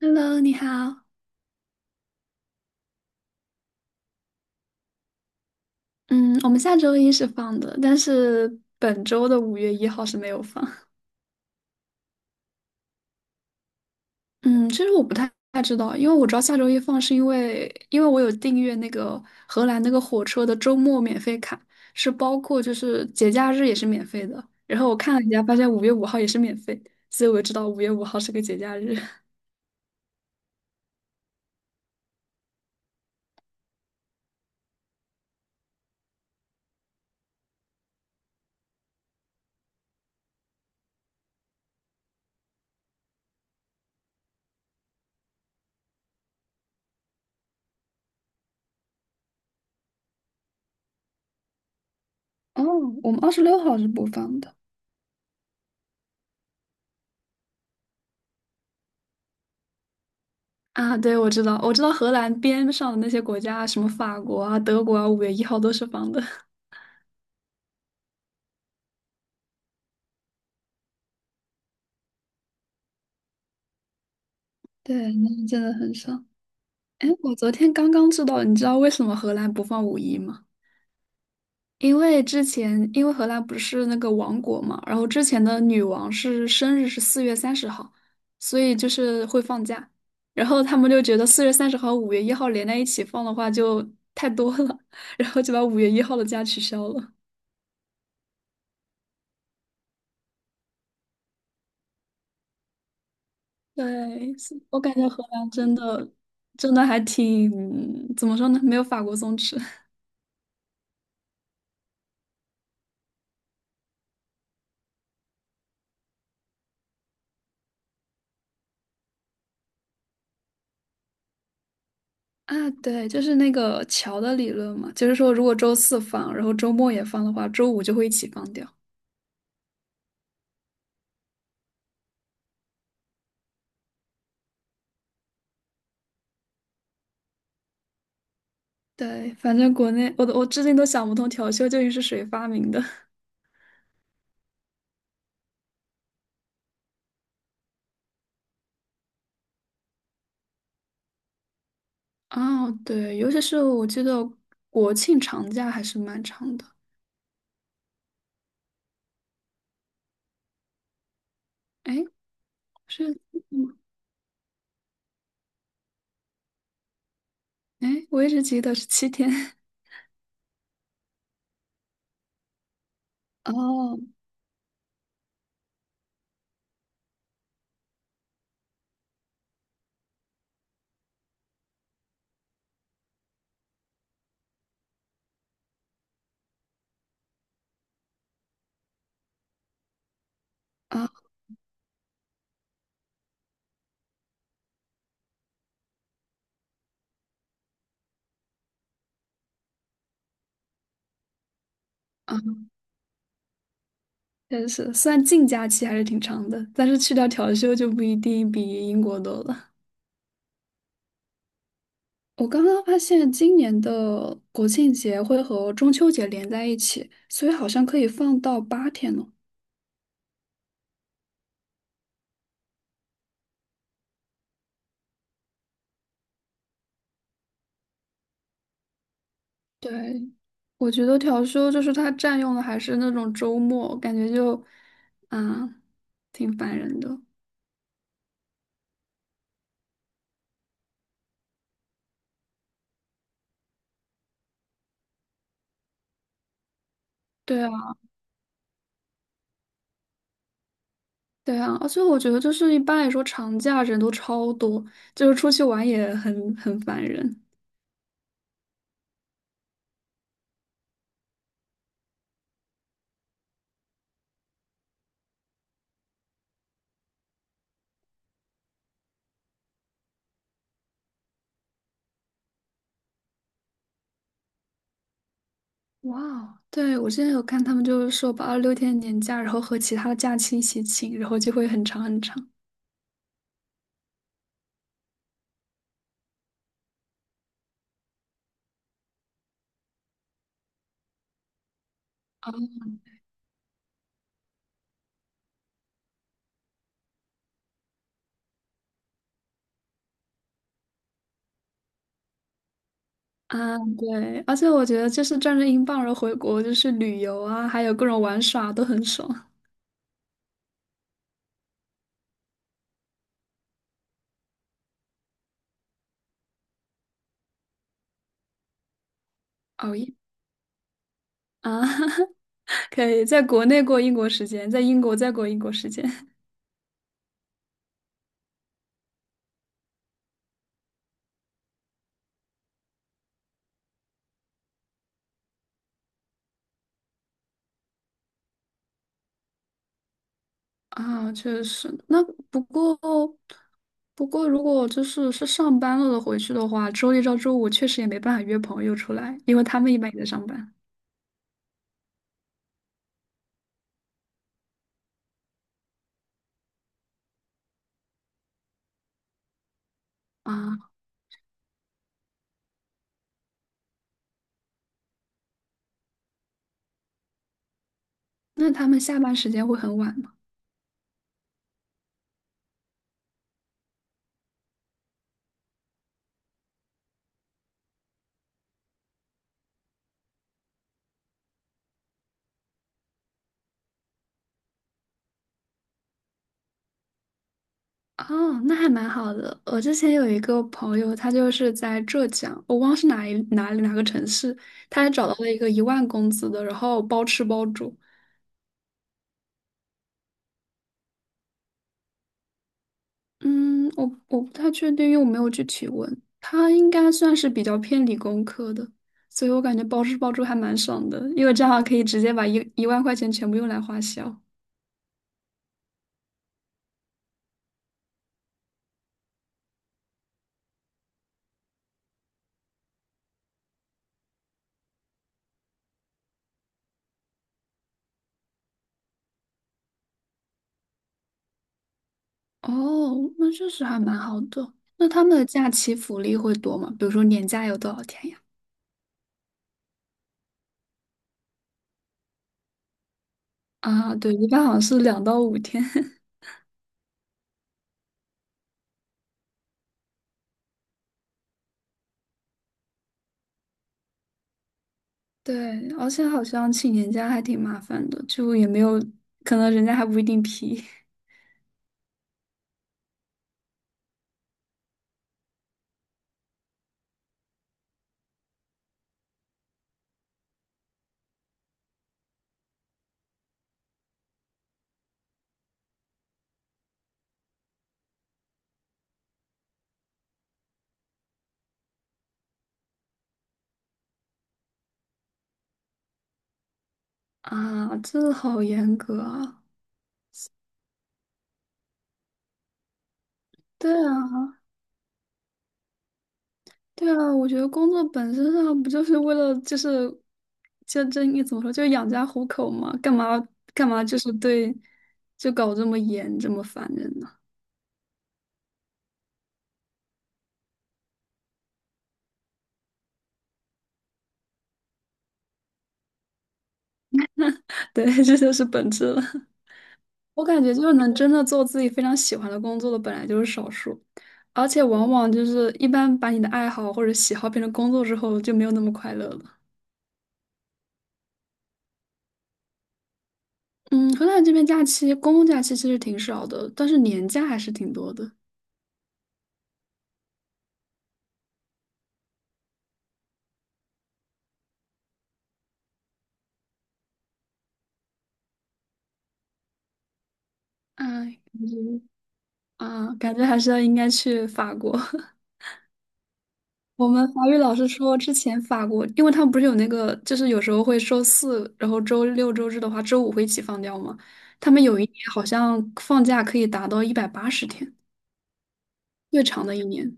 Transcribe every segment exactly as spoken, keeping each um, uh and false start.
Hello，你好。嗯，我们下周一是放的，但是本周的五月一号是没有放。嗯，其实我不太太知道，因为我知道下周一放是因为因为我有订阅那个荷兰那个火车的周末免费卡，是包括就是节假日也是免费的。然后我看了一下，发现五月五号也是免费，所以我就知道五月五号是个节假日。哦，我们二十六号是不放的。啊，对，我知道，我知道荷兰边上的那些国家，什么法国啊、德国啊，五月一号都是放的。对，那真的很少。哎，我昨天刚刚知道，你知道为什么荷兰不放五一吗？因为之前，因为荷兰不是那个王国嘛，然后之前的女王是生日是四月三十号，所以就是会放假。然后他们就觉得四月三十号、五月一号连在一起放的话就太多了，然后就把五月一号的假取消了。对，是我感觉荷兰真的真的还挺，嗯怎么说呢？没有法国松弛。啊，对，就是那个桥的理论嘛，就是说如果周四放，然后周末也放的话，周五就会一起放掉。对，反正国内我都我至今都想不通调休究竟是谁发明的。哦，对，尤其是我记得国庆长假还是蛮长的，哎，是，嗯，哎，我一直记得是七天。哦，啊啊，确实是，虽然净假期还是挺长的，但是去掉调休就不一定比英国多了。我刚刚发现今年的国庆节会和中秋节连在一起，所以好像可以放到八天呢。对，我觉得调休就是它占用的还是那种周末，感觉就，啊，挺烦人的。对啊，对啊，而且我觉得就是一般来说长假人都超多，就是出去玩也很很烦人。哇哦，对，我之前有看他们就是说把二六天年假，然后和其他的假期一起请，然后就会很长很长。啊，对，而且我觉得就是赚着英镑，然后回国就是旅游啊，还有各种玩耍都很爽。熬夜啊，可以在国内过英国时间，在英国再过英国时间啊，确实。那不过不过，如果就是是上班了的回去的话，周一到周五确实也没办法约朋友出来，因为他们一般也在上班啊。那他们下班时间会很晚哦，那还蛮好的。我之前有一个朋友，他就是在浙江，我忘是哪一哪里哪个城市，他还找到了一个一万工资的，然后包吃包住。嗯，我我不太确定，因为我没有具体问。他应该算是比较偏理工科的，所以我感觉包吃包住还蛮爽的，因为这样可以直接把一一万块钱全部用来花销。哦，那确实还蛮好的。那他们的假期福利会多吗？比如说年假有多少天呀？啊，对，一般好像是两到五天。对，而且好像请年假还挺麻烦的，就也没有，可能人家还不一定批。 啊，这好严格啊。对啊，对啊，我觉得工作本身上不就是为了就是就这应该怎么说，就养家糊口嘛，干嘛干嘛就是对，就搞这么严这么烦人呢？对，这就是本质了。我感觉就是能真的做自己非常喜欢的工作的，本来就是少数，而且往往就是一般把你的爱好或者喜好变成工作之后，就没有那么快乐了。嗯，荷兰这边假期，公共假期其实挺少的，但是年假还是挺多的。哎，嗯 啊，感觉还是要应该去法国。我们法语老师说，之前法国，因为他们不是有那个，就是有时候会周四，然后周六周日的话，周五会一起放掉嘛。他们有一年好像放假可以达到一百八十天。越长的一年。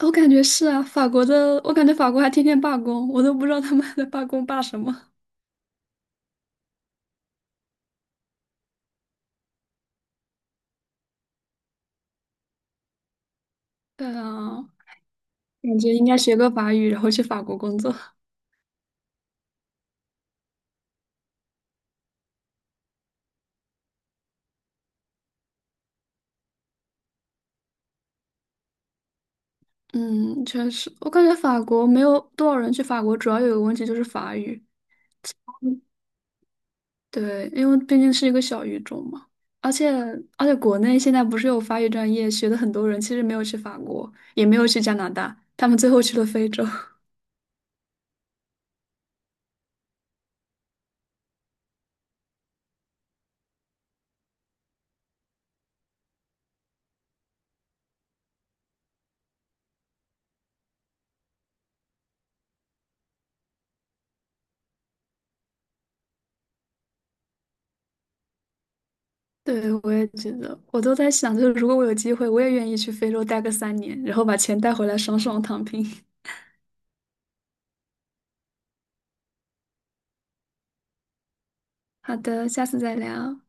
我感觉是啊，法国的，我感觉法国还天天罢工，我都不知道他们还在罢工罢什么。对啊，感觉应该学个法语，然后去法国工作。嗯，确实，我感觉法国没有多少人去法国，主要有个问题就是法语。对，因为毕竟是一个小语种嘛，而且而且国内现在不是有法语专业，学的很多人其实没有去法国，也没有去加拿大，他们最后去了非洲。对，我也觉得，我都在想，就是如果我有机会，我也愿意去非洲待个三年，然后把钱带回来，爽爽躺平。好的，下次再聊。